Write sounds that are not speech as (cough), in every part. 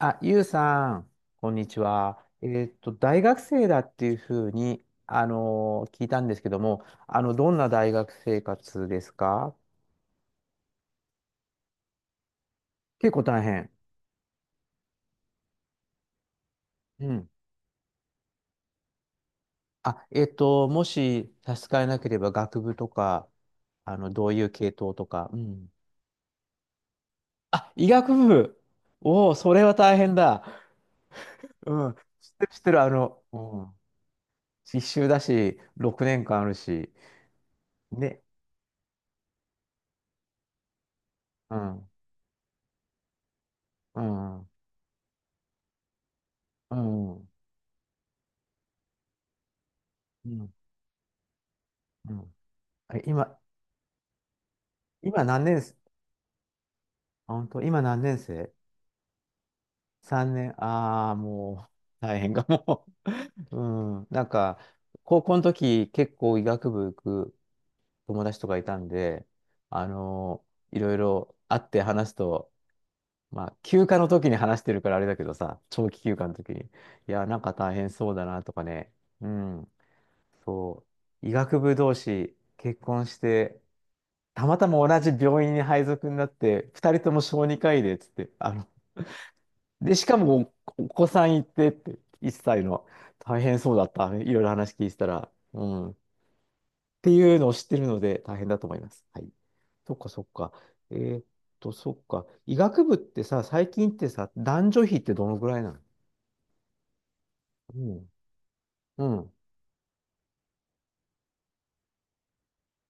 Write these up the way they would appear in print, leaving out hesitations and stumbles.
あ、ゆうさん、こんにちは。大学生だっていうふうに、聞いたんですけども、どんな大学生活ですか？結構大変。うん。あ、もし差し支えなければ、学部とか、どういう系統とか。うん。あ、医学部。おお、それは大変だ。うん。知ってる、知ってる、うん。必修だし、6年間あるし。ね。うん。うん。うん。うん。うん。あれ、今何年生？あ本当、今何年生 ?3 年、ああ、もう、(laughs) 大変かも。(laughs) うん、なんか、高校の時、結構医学部行く友達とかいたんで、あのいろいろ会って話すと、まあ、休暇の時に話してるからあれだけどさ、長期休暇の時に、いや、なんか大変そうだなとかね、うん、そう、医学部同士結婚して、たまたま同じ病院に配属になって、二人とも小児科医で、つって、で、しかもお、お子さんいてって、1歳の、大変そうだった。いろいろ話聞いてたら、うん。っていうのを知ってるので、大変だと思います。はい。そっかそっか。えーっそっか。医学部ってさ、最近ってさ、男女比ってどのぐらいなの？うん。うん。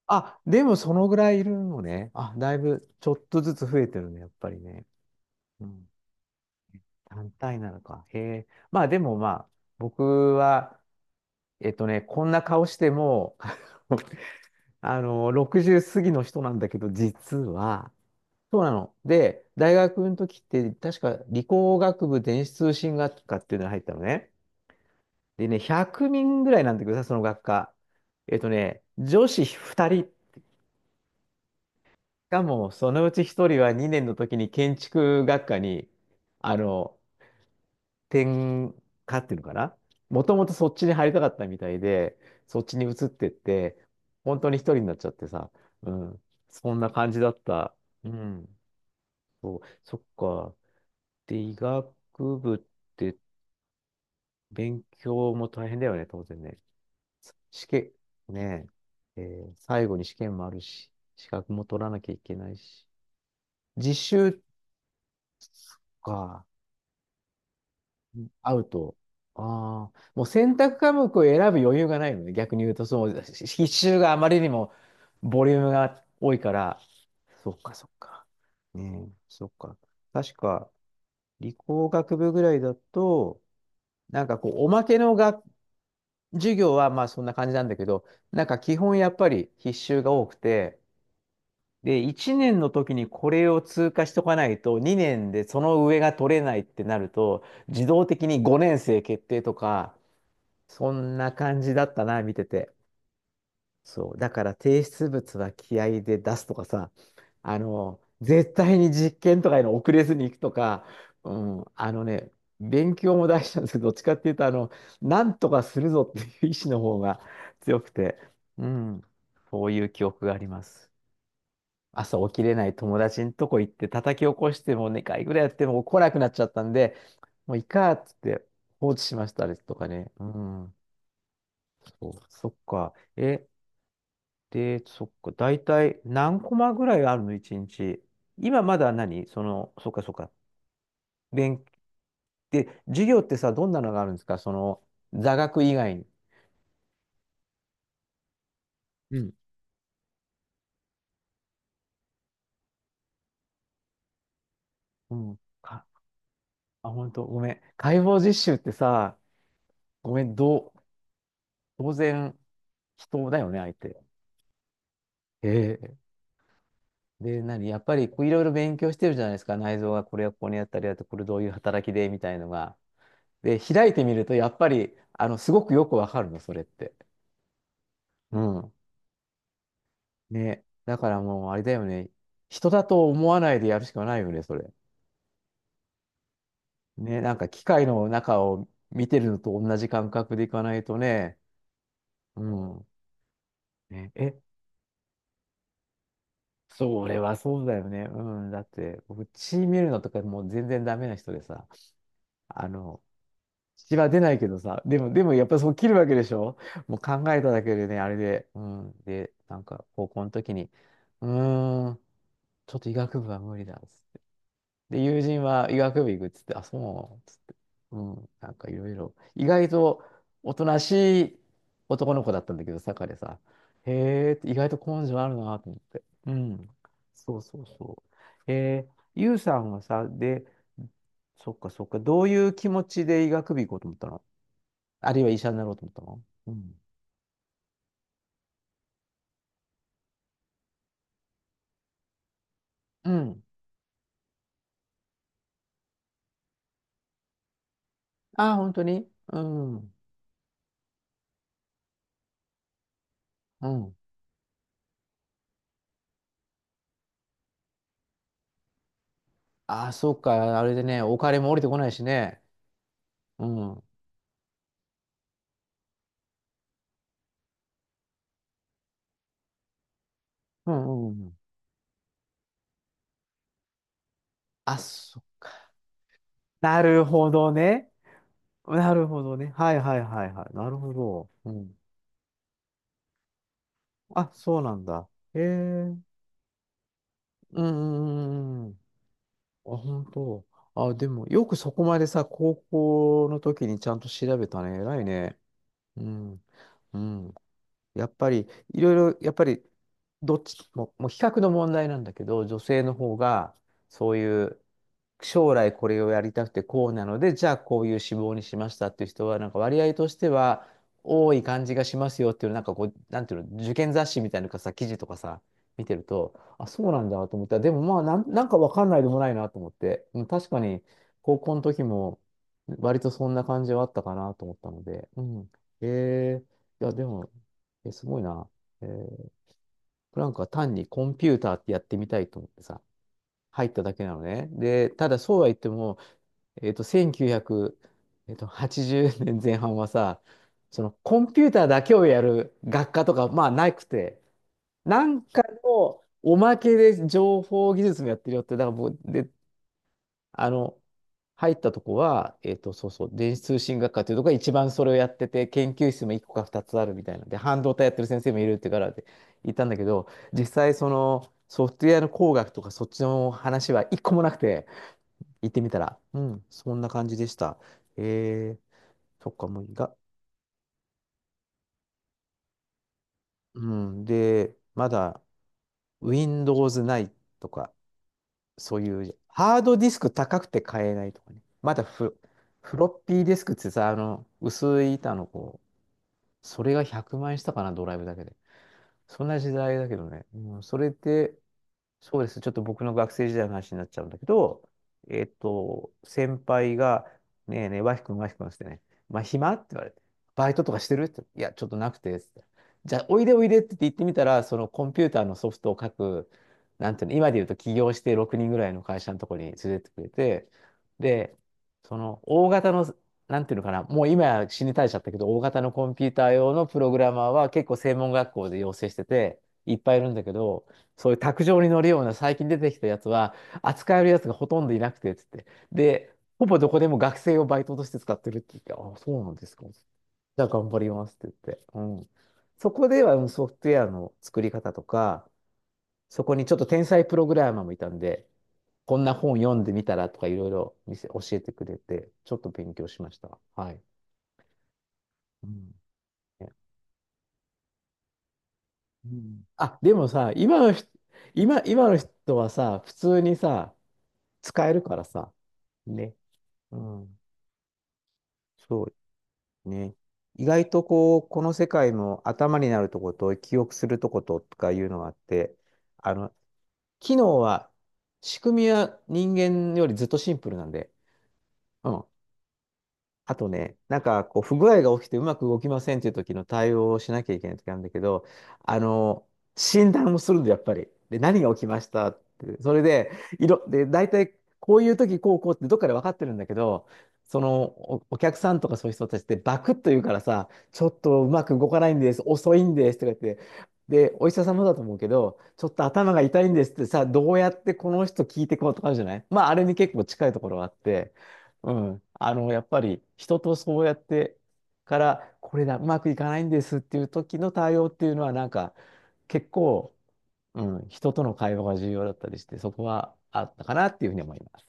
あ、でもそのぐらいいるのね。あ、だいぶちょっとずつ増えてるね、やっぱりね。うん。単体なのか。へえ。まあでもまあ、僕は、こんな顔しても (laughs) 60過ぎの人なんだけど、実は、そうなの。で、大学の時って、確か理工学部電子通信学科っていうのに入ったのね。でね、100人ぐらいなんだけどさ、その学科。女子2人、しかもそのうち1人は2年の時に建築学科に、あの、転科っていうのかな、もともとそっちに入りたかったみたいで、そっちに移ってって、本当に一人になっちゃってさ、うん、そんな感じだった。うん、そう、そっか。で、医学部って勉強も大変だよね、当然ね。試験、ねえ、最後に試験もあるし、資格も取らなきゃいけないし。実習、そっか、会うと、ああ、もう選択科目を選ぶ余裕がないのね。逆に言うと、その必修があまりにもボリュームが多いから、そっかそっか。ねえ、そっか。確か、理工学部ぐらいだと、なんかこう、おまけの学授業はまあそんな感じなんだけど、なんか基本やっぱり必修が多くて、で、1年の時にこれを通過しとかないと、2年でその上が取れないってなると、自動的に5年生決定とか、そんな感じだったな、見てて。そう。だから提出物は気合で出すとかさ、絶対に実験とかいの遅れずに行くとか、うん、勉強も大事なんですけど、どっちかっていうと、なんとかするぞっていう意志の方が強くて、うん、そういう記憶があります。朝起きれない友達のとこ行って叩き起こしても2回ぐらいやっても来なくなっちゃったんで、もういいかっつって放置しましたあれとかね。うん。そう、そっか。で、そっか。大体何コマぐらいあるの一日。今まだ何その、そっかそっか。勉、で、授業ってさ、どんなのがあるんですかその、座学以外に。うん。うん。あ、本当ごめん。解剖実習ってさ、ごめん、当然、人だよね、相手。ええ。で、やっぱり、こういろいろ勉強してるじゃないですか。内臓がこれはここにあったりだと、これどういう働きで、みたいのが。で、開いてみると、やっぱり、すごくよくわかるの、それって。うん。ね。だからもう、あれだよね。人だと思わないでやるしかないよね、それ。ね。なんか、機械の中を見てるのと同じ感覚でいかないとね。うん。ね、それはそうだよね。うん。だって、僕、血見るのとかもう全然ダメな人でさ、あの、血は出ないけどさ、でもやっぱそう切るわけでしょ？もう考えただけでね、あれで、うん。で、なんか、高校の時に、うーん。ちょっと医学部は無理だっつって。で、友人は医学部行くっつって、あ、そうっつって。うん、なんかいろいろ。意外とおとなしい男の子だったんだけど、坂でさ。へえって意外と根性あるなと思って。うん。そうそうそう。ゆうさんはさ、で、そっかそっか、どういう気持ちで医学部行こうと思ったの？あるいは医者になろうと思ったの？うん。うん。ああ、本当にうん。うん。ああ、そっか、あれでね、お金も降りてこないしね。うん。うんうんうん。あ、そっか。なるほどね。なるほどね。はいはいはいはい。なるほど。うん。あ、そうなんだ。へえ。うんうんうんうん。あ、本当。あ、でも、よくそこまでさ、高校の時にちゃんと調べたね。偉いね。うん。うん。やっぱり、いろいろ、やっぱり、どっちも、もう比較の問題なんだけど、女性の方が、そういう、将来これをやりたくてこうなので、じゃあこういう志望にしましたっていう人は、なんか割合としては多い感じがしますよっていう、なんかこう、なんていうの、受験雑誌みたいなのかさ、記事とかさ、見てると、あ、そうなんだと思ったら、でもまあなんかわかんないでもないなと思って、うん確かに高校の時も割とそんな感じはあったかなと思ったので、うん。えー、いや、でも、すごいな。えープランクは単にコンピューターってやってみたいと思ってさ、入っただけなのね。で、ただそうは言っても、1980年前半はさ、そのコンピューターだけをやる学科とか、まあ、なくて、なんかのおまけで情報技術もやってるよって、だからもう、で、あの、入ったとこは、そうそう、電子通信学科っていうところが一番それをやってて、研究室も1個か2つあるみたいなんで、半導体やってる先生もいるってからって言ったんだけど、実際そのソフトウェアの工学とかそっちの話は1個もなくて、行ってみたら、うん、そんな感じでした。えー、そっか、もういいが、うん、で、まだ Windows ないとか、そういう、ハードディスク高くて買えないとかね、まだフロッピーディスクってさ、薄い板のこう、それが100万円したかな、ドライブだけで。そんな時代だけどね。うん、それって、そうです。ちょっと僕の学生時代の話になっちゃうんだけど、先輩が、ねえねえ、和く君、和く君っつってね、まあ、暇って言われて、バイトとかしてるって、いや、ちょっとなくて、つって。じゃあ、おいでおいでって言ってみたら、そのコンピューターのソフトを書く、なんていうの、今で言うと起業して6人ぐらいの会社のところに連れてってくれて、で、その大型の、なんていうのかな、もう今や死に絶えちゃったけど、大型のコンピューター用のプログラマーは結構専門学校で養成してて、いっぱいいるんだけど、そういう卓上に乗るような最近出てきたやつは、扱えるやつがほとんどいなくて、つって。で、ほぼどこでも学生をバイトとして使ってるって言って、あ、そうなんですか。じゃあ頑張りますって言って。うん。そこではうんソフトウェアの作り方とか、そこにちょっと天才プログラマーもいたんで、こんな本読んでみたらとかいろいろ見せ教えてくれて、ちょっと勉強しました。はい。うん。ねうんあ、でもさ、今の人、今の人はさ、普通にさ、使えるからさ、ね。うん、そうね。意外とこう、この世界も頭になるとこと、記憶するとこととかいうのがあって、あの、機能は、仕組みは人間よりずっとシンプルなんで、うん。あとね、なんかこう不具合が起きてうまく動きませんっていう時の対応をしなきゃいけない時なんだけど、あの、診断をするんだ、やっぱり。で、何が起きましたって。それで、で、大体こういう時こうこうってどっかで分かってるんだけど、そのお、お客さんとかそういう人たちってバクッと言うからさ、ちょっとうまく動かないんです、遅いんですとか言って、で、お医者様だと思うけど、ちょっと頭が痛いんですってさ、どうやってこの人聞いてこうとかあるじゃないまあ、あれに結構近いところがあって、うん。やっぱり人とそうやってから、これだ、うまくいかないんですっていう時の対応っていうのは、なんか結構、うん、人との会話が重要だったりして、そこはあったかなっていうふうに思います。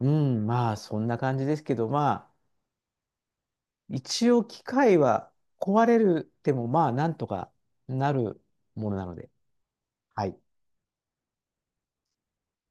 うん、まあ、そんな感じですけど、まあ、一応機械は壊れるでも、まあ、なんとかなるものなので。はい